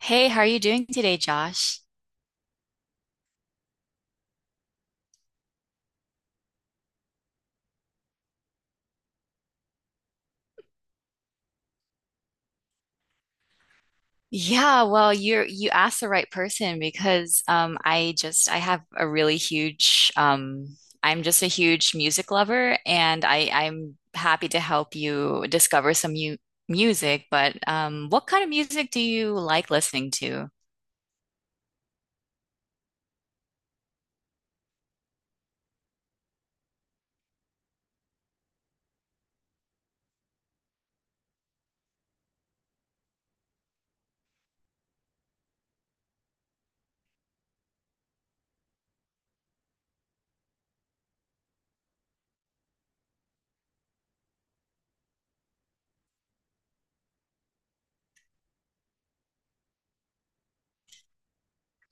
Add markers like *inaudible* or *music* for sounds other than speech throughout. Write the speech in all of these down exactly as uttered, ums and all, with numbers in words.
Hey, how are you doing today, Josh? Yeah, well, you're you asked the right person because um I just I have a really huge um I'm just a huge music lover and I I'm happy to help you discover some new music, but um what kind of music do you like listening to?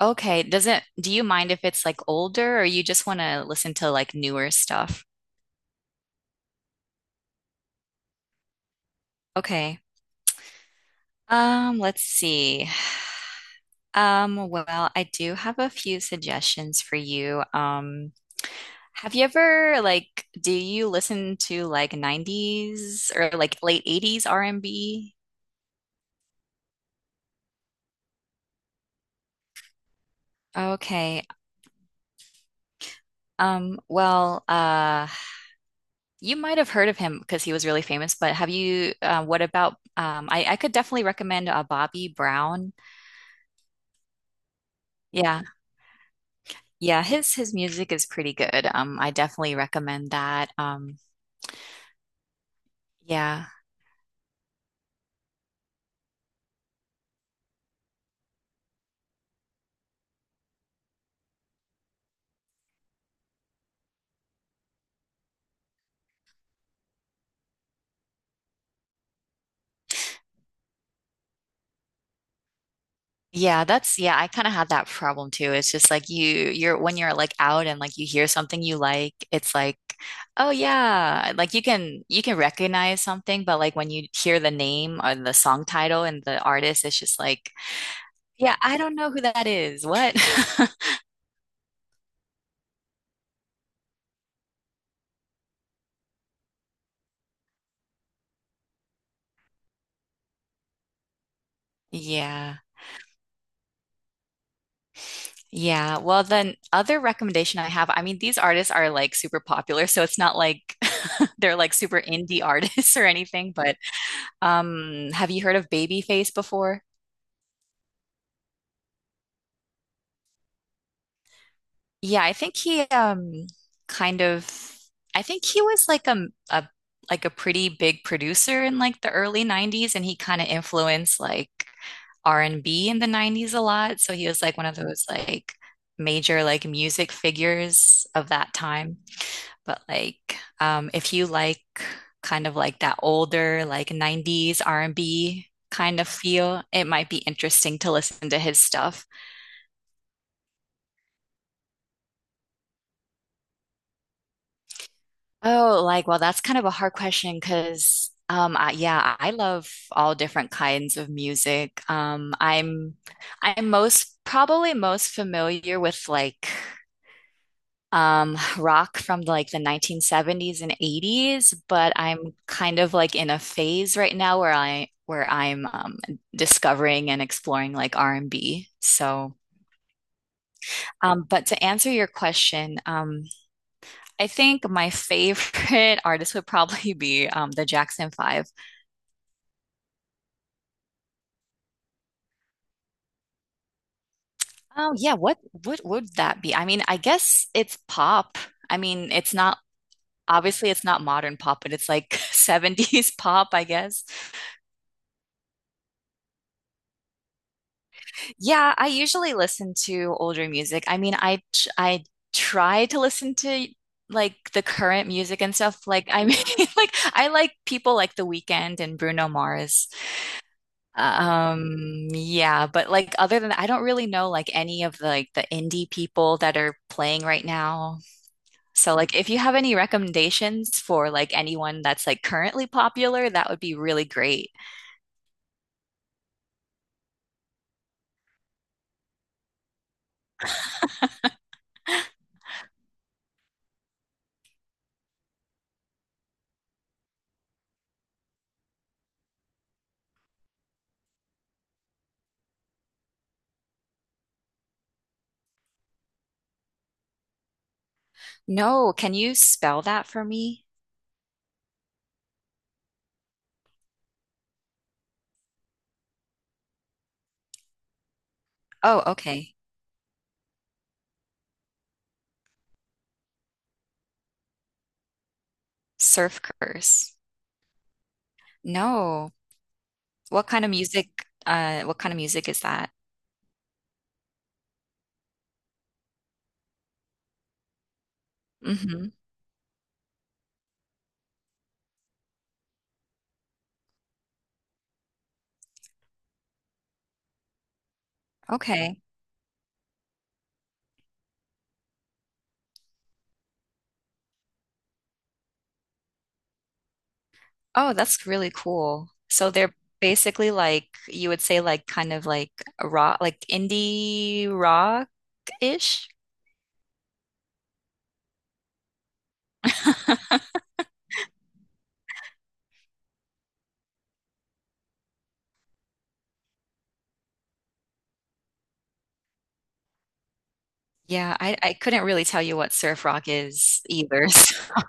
Okay, doesn't do you mind if it's like older or you just want to listen to like newer stuff? Okay. Um, let's see. Um, well, I do have a few suggestions for you. Um, have you ever like do you listen to like nineties or like late eighties R and B? Okay. Um, well, uh you might have heard of him because he was really famous, but have you uh, what about um I I could definitely recommend uh, Bobby Brown. Yeah. Yeah, his his music is pretty good. Um, I definitely recommend that. Um, yeah. Yeah, that's yeah, I kind of had that problem too. It's just like you you're when you're like out and like you hear something you like, it's like, oh yeah, like you can you can recognize something, but like when you hear the name or the song title and the artist, it's just like, yeah, I don't know who that is. What? *laughs* Yeah. Yeah. Well, then other recommendation I have, I mean, these artists are like super popular, so it's not like *laughs* they're like super indie *laughs* artists or anything, but um have you heard of Babyface before? Yeah, I think he um kind of I think he was like a, a like a pretty big producer in like the early nineties and he kind of influenced like R and B in the nineties a lot. So he was like one of those like major like music figures of that time. But like um if you like kind of like that older like nineties R and B kind of feel, it might be interesting to listen to his stuff. Oh, like, well, that's kind of a hard question because, um, I, yeah, I love all different kinds of music. Um, I'm, I'm most probably most familiar with like, um, rock from like the nineteen seventies and eighties, but I'm kind of like in a phase right now where I, where I'm, um, discovering and exploring like R and B. So, um, but to answer your question, um, I think my favorite *laughs* artist would probably be um, the Jackson Five. Oh yeah, what what would that be? I mean, I guess it's pop. I mean, it's not obviously it's not modern pop, but it's like *laughs* seventies pop, I guess. Yeah, I usually listen to older music. I mean, I tr- I try to listen to like the current music and stuff. Like I mean, *laughs* like I like people like The Weeknd and Bruno Mars. Um, yeah, but like other than that, I don't really know like any of the like the indie people that are playing right now. So like if you have any recommendations for like anyone that's like currently popular, that would be really great. No, can you spell that for me? Oh, okay. Surf Curse. No. What kind of music uh what kind of music is that? Mm-hmm. Okay. Oh, that's really cool. So they're basically like you would say like kind of like a rock like indie rock-ish. Yeah, I, I couldn't really tell you what surf rock is either. *laughs* So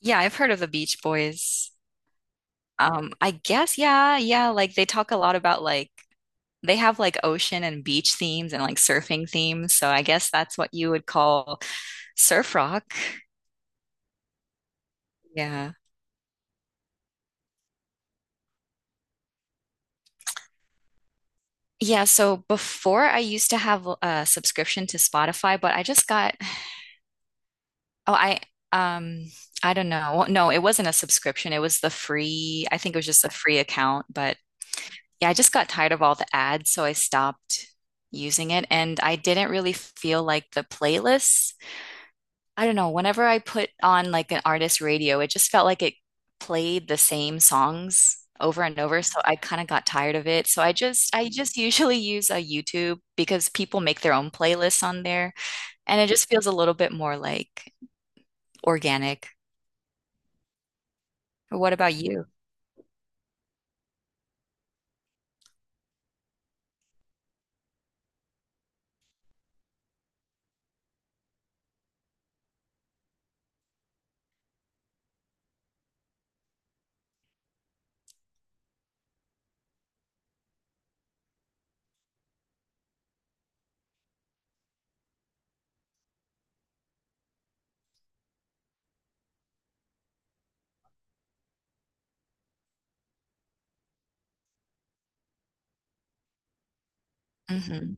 yeah, I've heard of the Beach Boys. Um, I guess yeah, yeah, like they talk a lot about like they have like ocean and beach themes and like surfing themes. So I guess that's what you would call surf rock. Yeah. Yeah, so before I used to have a subscription to Spotify, but I just got Oh, I um I don't know. Well, no, it wasn't a subscription. It was the free, I think it was just a free account, but yeah, I just got tired of all the ads, so I stopped using it and I didn't really feel like the playlists. I don't know, whenever I put on like an artist radio, it just felt like it played the same songs over and over, so I kind of got tired of it. So I just I just *laughs* usually use a YouTube because people make their own playlists on there and it just feels a little bit more like organic. What about you? hmm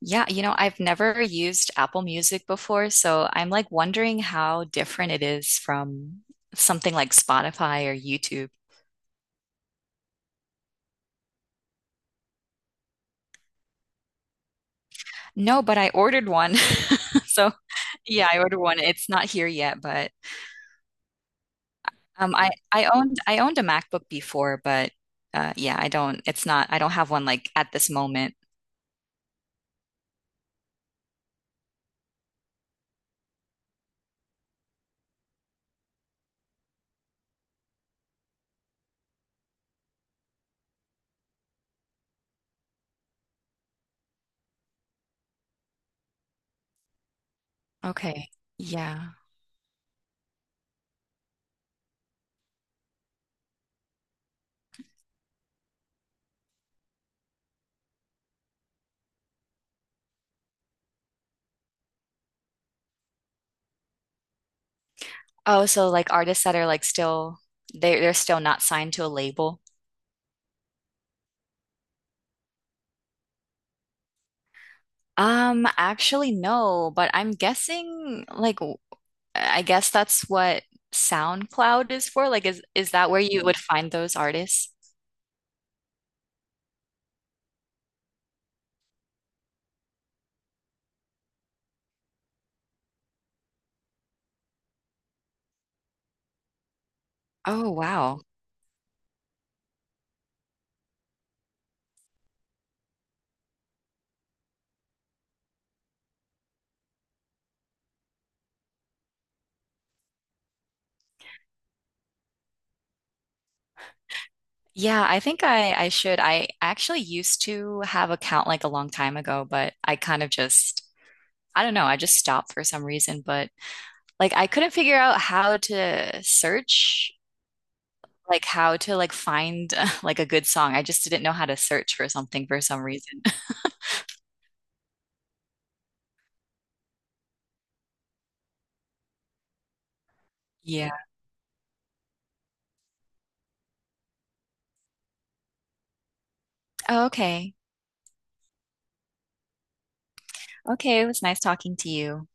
Yeah, you know, I've never used Apple Music before, so I'm like wondering how different it is from something like Spotify or YouTube. No, but I ordered one. *laughs* So, yeah, I ordered one. It's not here yet, but um I I owned I owned a MacBook before, but uh yeah, I don't it's not I don't have one like at this moment. Okay. Yeah. Oh, so like artists that are like still they they're still not signed to a label. Um, actually, no, but I'm guessing like w- I guess that's what SoundCloud is for. Like, is is that where you would find those artists? Oh, wow. Yeah, I think I I should. I actually used to have account like a long time ago, but I kind of just I don't know, I just stopped for some reason, but like I couldn't figure out how to search like how to like find *laughs* like a good song. I just didn't know how to search for something for some reason. *laughs* Yeah. Oh, okay. Okay, it was nice talking to you.